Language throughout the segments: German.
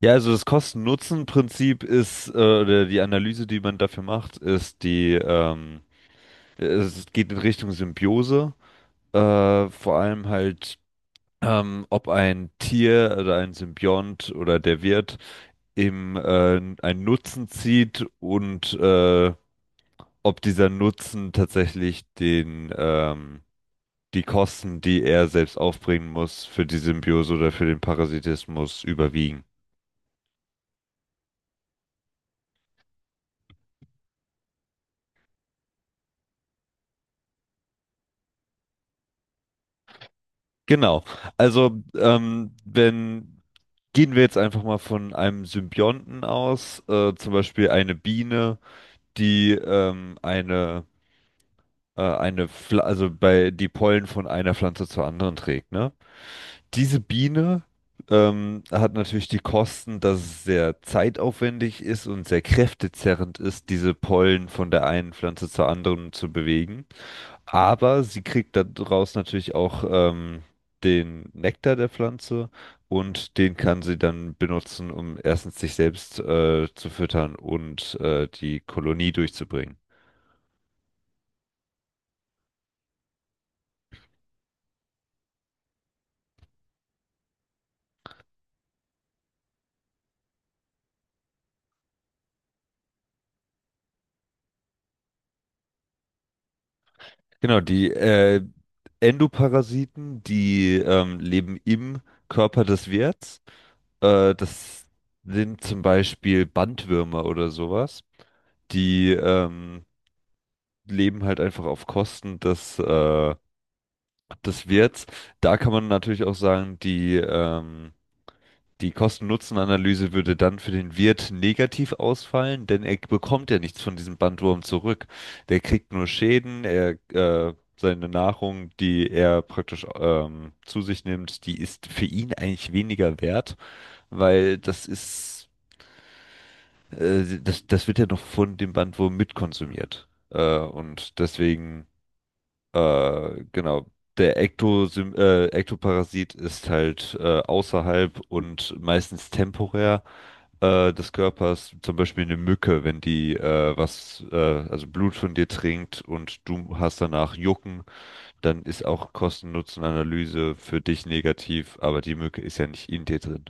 Ja, also das Kosten-Nutzen-Prinzip ist, oder die Analyse, die man dafür macht, ist die, es geht in Richtung Symbiose. Vor allem halt, ob ein Tier oder ein Symbiont oder der Wirt eben einen Nutzen zieht und ob dieser Nutzen tatsächlich den, die Kosten, die er selbst aufbringen muss, für die Symbiose oder für den Parasitismus überwiegen. Genau. Also, wenn, gehen wir jetzt einfach mal von einem Symbionten aus, zum Beispiel eine Biene, die eine Pfl also bei die Pollen von einer Pflanze zur anderen trägt, ne? Diese Biene hat natürlich die Kosten, dass es sehr zeitaufwendig ist und sehr kräftezerrend ist, diese Pollen von der einen Pflanze zur anderen zu bewegen. Aber sie kriegt daraus natürlich auch den Nektar der Pflanze und den kann sie dann benutzen, um erstens sich selbst zu füttern und die Kolonie durchzubringen. Genau, die Endoparasiten, die leben im Körper des Wirts. Das sind zum Beispiel Bandwürmer oder sowas. Die leben halt einfach auf Kosten des Das wird's. Da kann man natürlich auch sagen, die Kosten-Nutzen-Analyse würde dann für den Wirt negativ ausfallen, denn er bekommt ja nichts von diesem Bandwurm zurück. Der kriegt nur Schäden, seine Nahrung, die er praktisch zu sich nimmt, die ist für ihn eigentlich weniger wert, weil das wird ja noch von dem Bandwurm mitkonsumiert. Und deswegen. Genau. Der Ektosym Ektoparasit ist halt außerhalb und meistens temporär des Körpers. Zum Beispiel eine Mücke, wenn die also Blut von dir trinkt und du hast danach Jucken, dann ist auch Kosten-Nutzen-Analyse für dich negativ, aber die Mücke ist ja nicht in dir drin.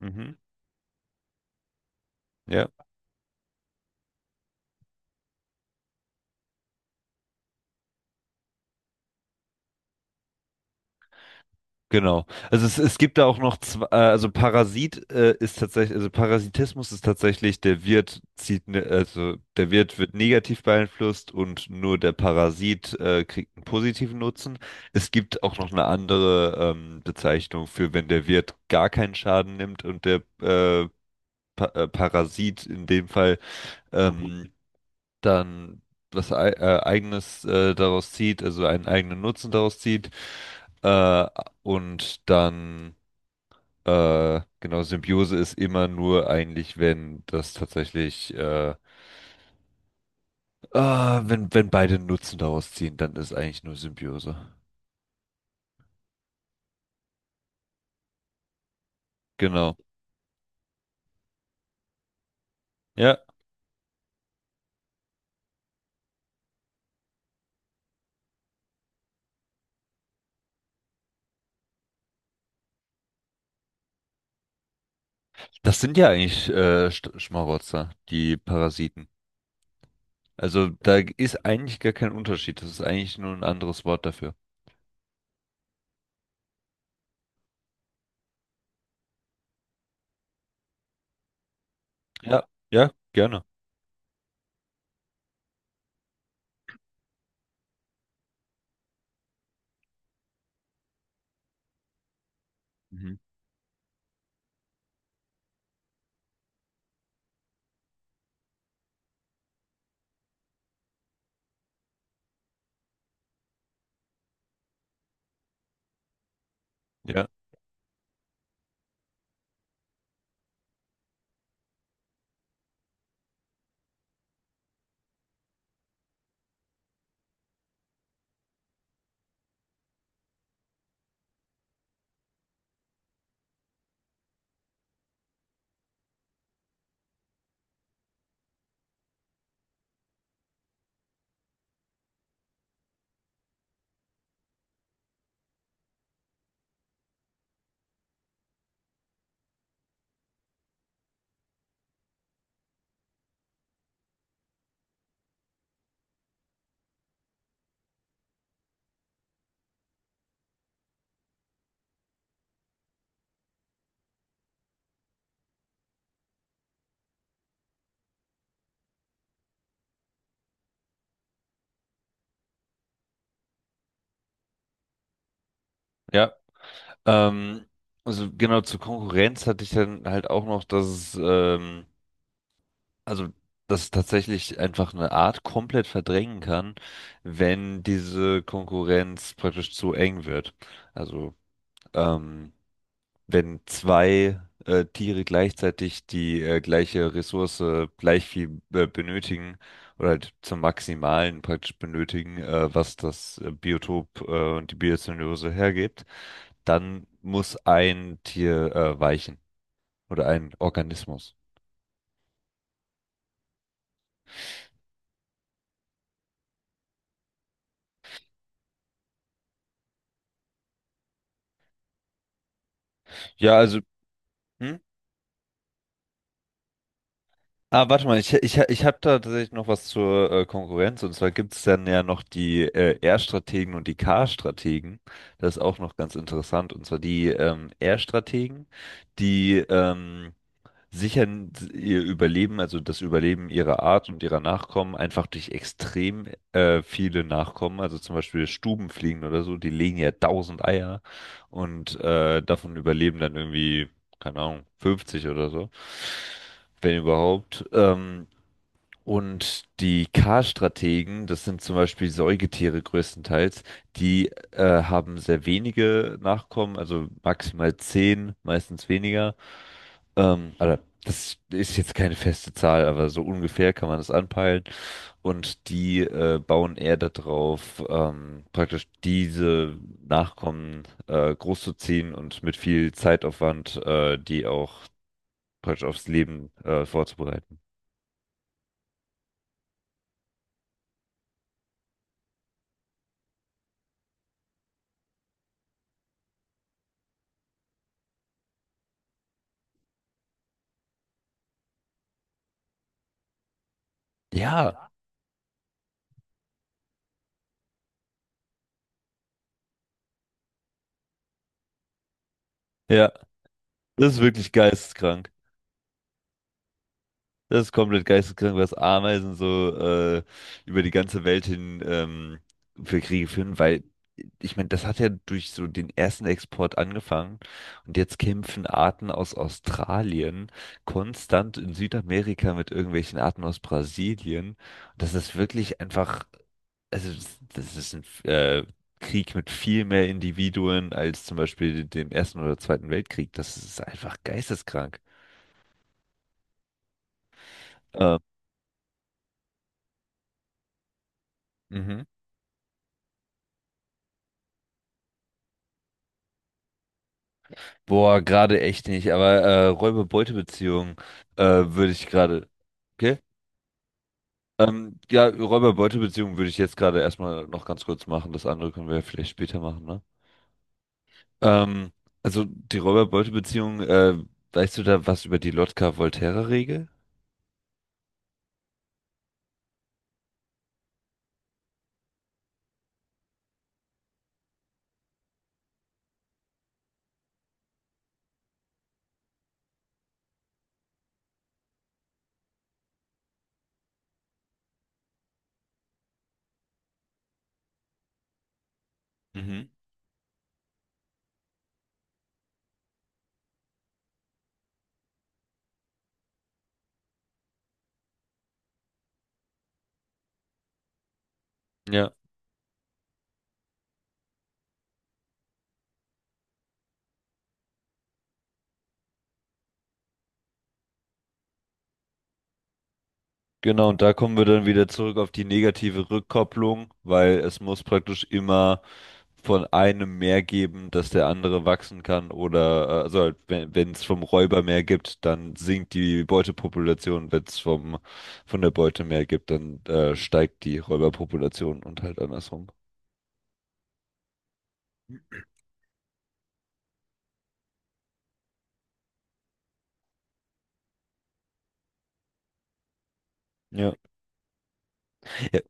Mhm. Ja. Genau. Also es gibt da auch noch zwei, also Parasit ist tatsächlich, also Parasitismus ist tatsächlich, der Wirt zieht, ne, also der Wirt wird negativ beeinflusst und nur der Parasit kriegt einen positiven Nutzen. Es gibt auch noch eine andere Bezeichnung für, wenn der Wirt gar keinen Schaden nimmt und der äh, pa Parasit in dem Fall ähm, dann was ei eigenes daraus zieht, also einen eigenen Nutzen daraus zieht. Äh, und dann genau, Symbiose ist immer nur eigentlich, wenn das tatsächlich, ah, wenn, wenn beide Nutzen daraus ziehen, dann ist eigentlich nur Symbiose. Genau. Ja, das sind ja eigentlich Schmarotzer, die Parasiten. Also da ist eigentlich gar kein Unterschied. Das ist eigentlich nur ein anderes Wort dafür. Ja, ja, gerne. Mhm. Ja, ja. Ähm, also genau zur Konkurrenz hatte ich dann halt auch noch, dass es also, dass es tatsächlich einfach eine Art komplett verdrängen kann, wenn diese Konkurrenz praktisch zu eng wird. Also, ähm, wenn zwei Tiere gleichzeitig die gleiche Ressource gleich viel benötigen oder halt zum Maximalen praktisch benötigen, was das Biotop und die Biozönose hergibt, dann muss ein Tier weichen oder ein Organismus. Ja, also Hm? Ah, warte mal, ich habe da tatsächlich noch was zur Konkurrenz. Und zwar gibt es dann ja noch die R-Strategen und die K-Strategen. Das ist auch noch ganz interessant. Und zwar die R-Strategen, die sichern ihr Überleben, also das Überleben ihrer Art und ihrer Nachkommen, einfach durch extrem viele Nachkommen, also zum Beispiel Stubenfliegen oder so, die legen ja 1000 Eier und davon überleben dann irgendwie, keine Ahnung, 50 oder so, wenn überhaupt. Und die K-Strategen, das sind zum Beispiel Säugetiere größtenteils, die haben sehr wenige Nachkommen, also maximal 10, meistens weniger. Also das ist jetzt keine feste Zahl, aber so ungefähr kann man das anpeilen. Und die bauen eher darauf, praktisch diese Nachkommen großzuziehen und mit viel Zeitaufwand die auch praktisch aufs Leben vorzubereiten. Ja, ja, das ist wirklich geisteskrank. Das ist komplett geisteskrank, was Ameisen so über die ganze Welt hin für Kriege führen, weil ich meine, das hat ja durch so den ersten Export angefangen und jetzt kämpfen Arten aus Australien konstant in Südamerika mit irgendwelchen Arten aus Brasilien. Das ist wirklich einfach, also das ist ein äh, Krieg mit viel mehr Individuen als zum Beispiel dem Ersten oder Zweiten Weltkrieg. Das ist einfach geisteskrank. Äh, mhm. Boah, gerade echt nicht, aber Räuber-Beute-Beziehung würde ich gerade. Okay? Ja, Räuber-Beute-Beziehung würde ich jetzt gerade erstmal noch ganz kurz machen. Das andere können wir ja vielleicht später machen, ne? Ähm, also die Räuber-Beute-Beziehung, weißt du da was über die Lotka-Volterra-Regel? Mhm. Ja. Genau, und da kommen wir dann wieder zurück auf die negative Rückkopplung, weil es muss praktisch immer von einem mehr geben, dass der andere wachsen kann, wenn es vom Räuber mehr gibt, dann sinkt die Beutepopulation, wenn es vom von der Beute mehr gibt, dann steigt die Räuberpopulation und halt andersrum. Ja. Ja,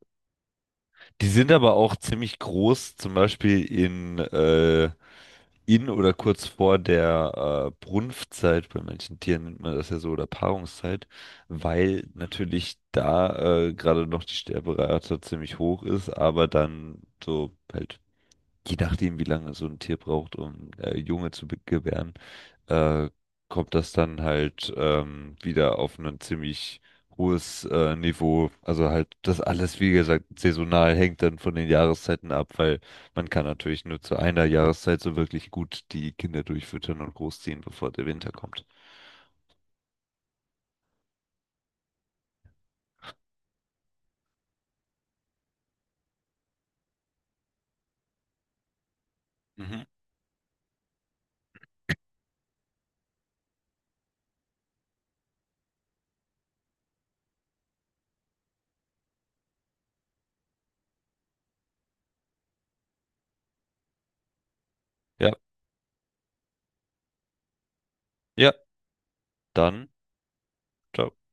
die sind aber auch ziemlich groß, zum Beispiel in oder kurz vor der Brunftzeit, bei manchen Tieren nennt man das ja so, oder Paarungszeit, weil natürlich da gerade noch die Sterberate ziemlich hoch ist, aber dann so halt, je nachdem, wie lange so ein Tier braucht, um Junge zu gebären, äh, kommt das dann halt wieder auf ein ziemlich hohes Niveau. Also halt das alles, wie gesagt, saisonal hängt dann von den Jahreszeiten ab, weil man kann natürlich nur zu einer Jahreszeit so wirklich gut die Kinder durchfüttern und großziehen, bevor der Winter kommt. Mhm. Ja, ja, dann. Ciao.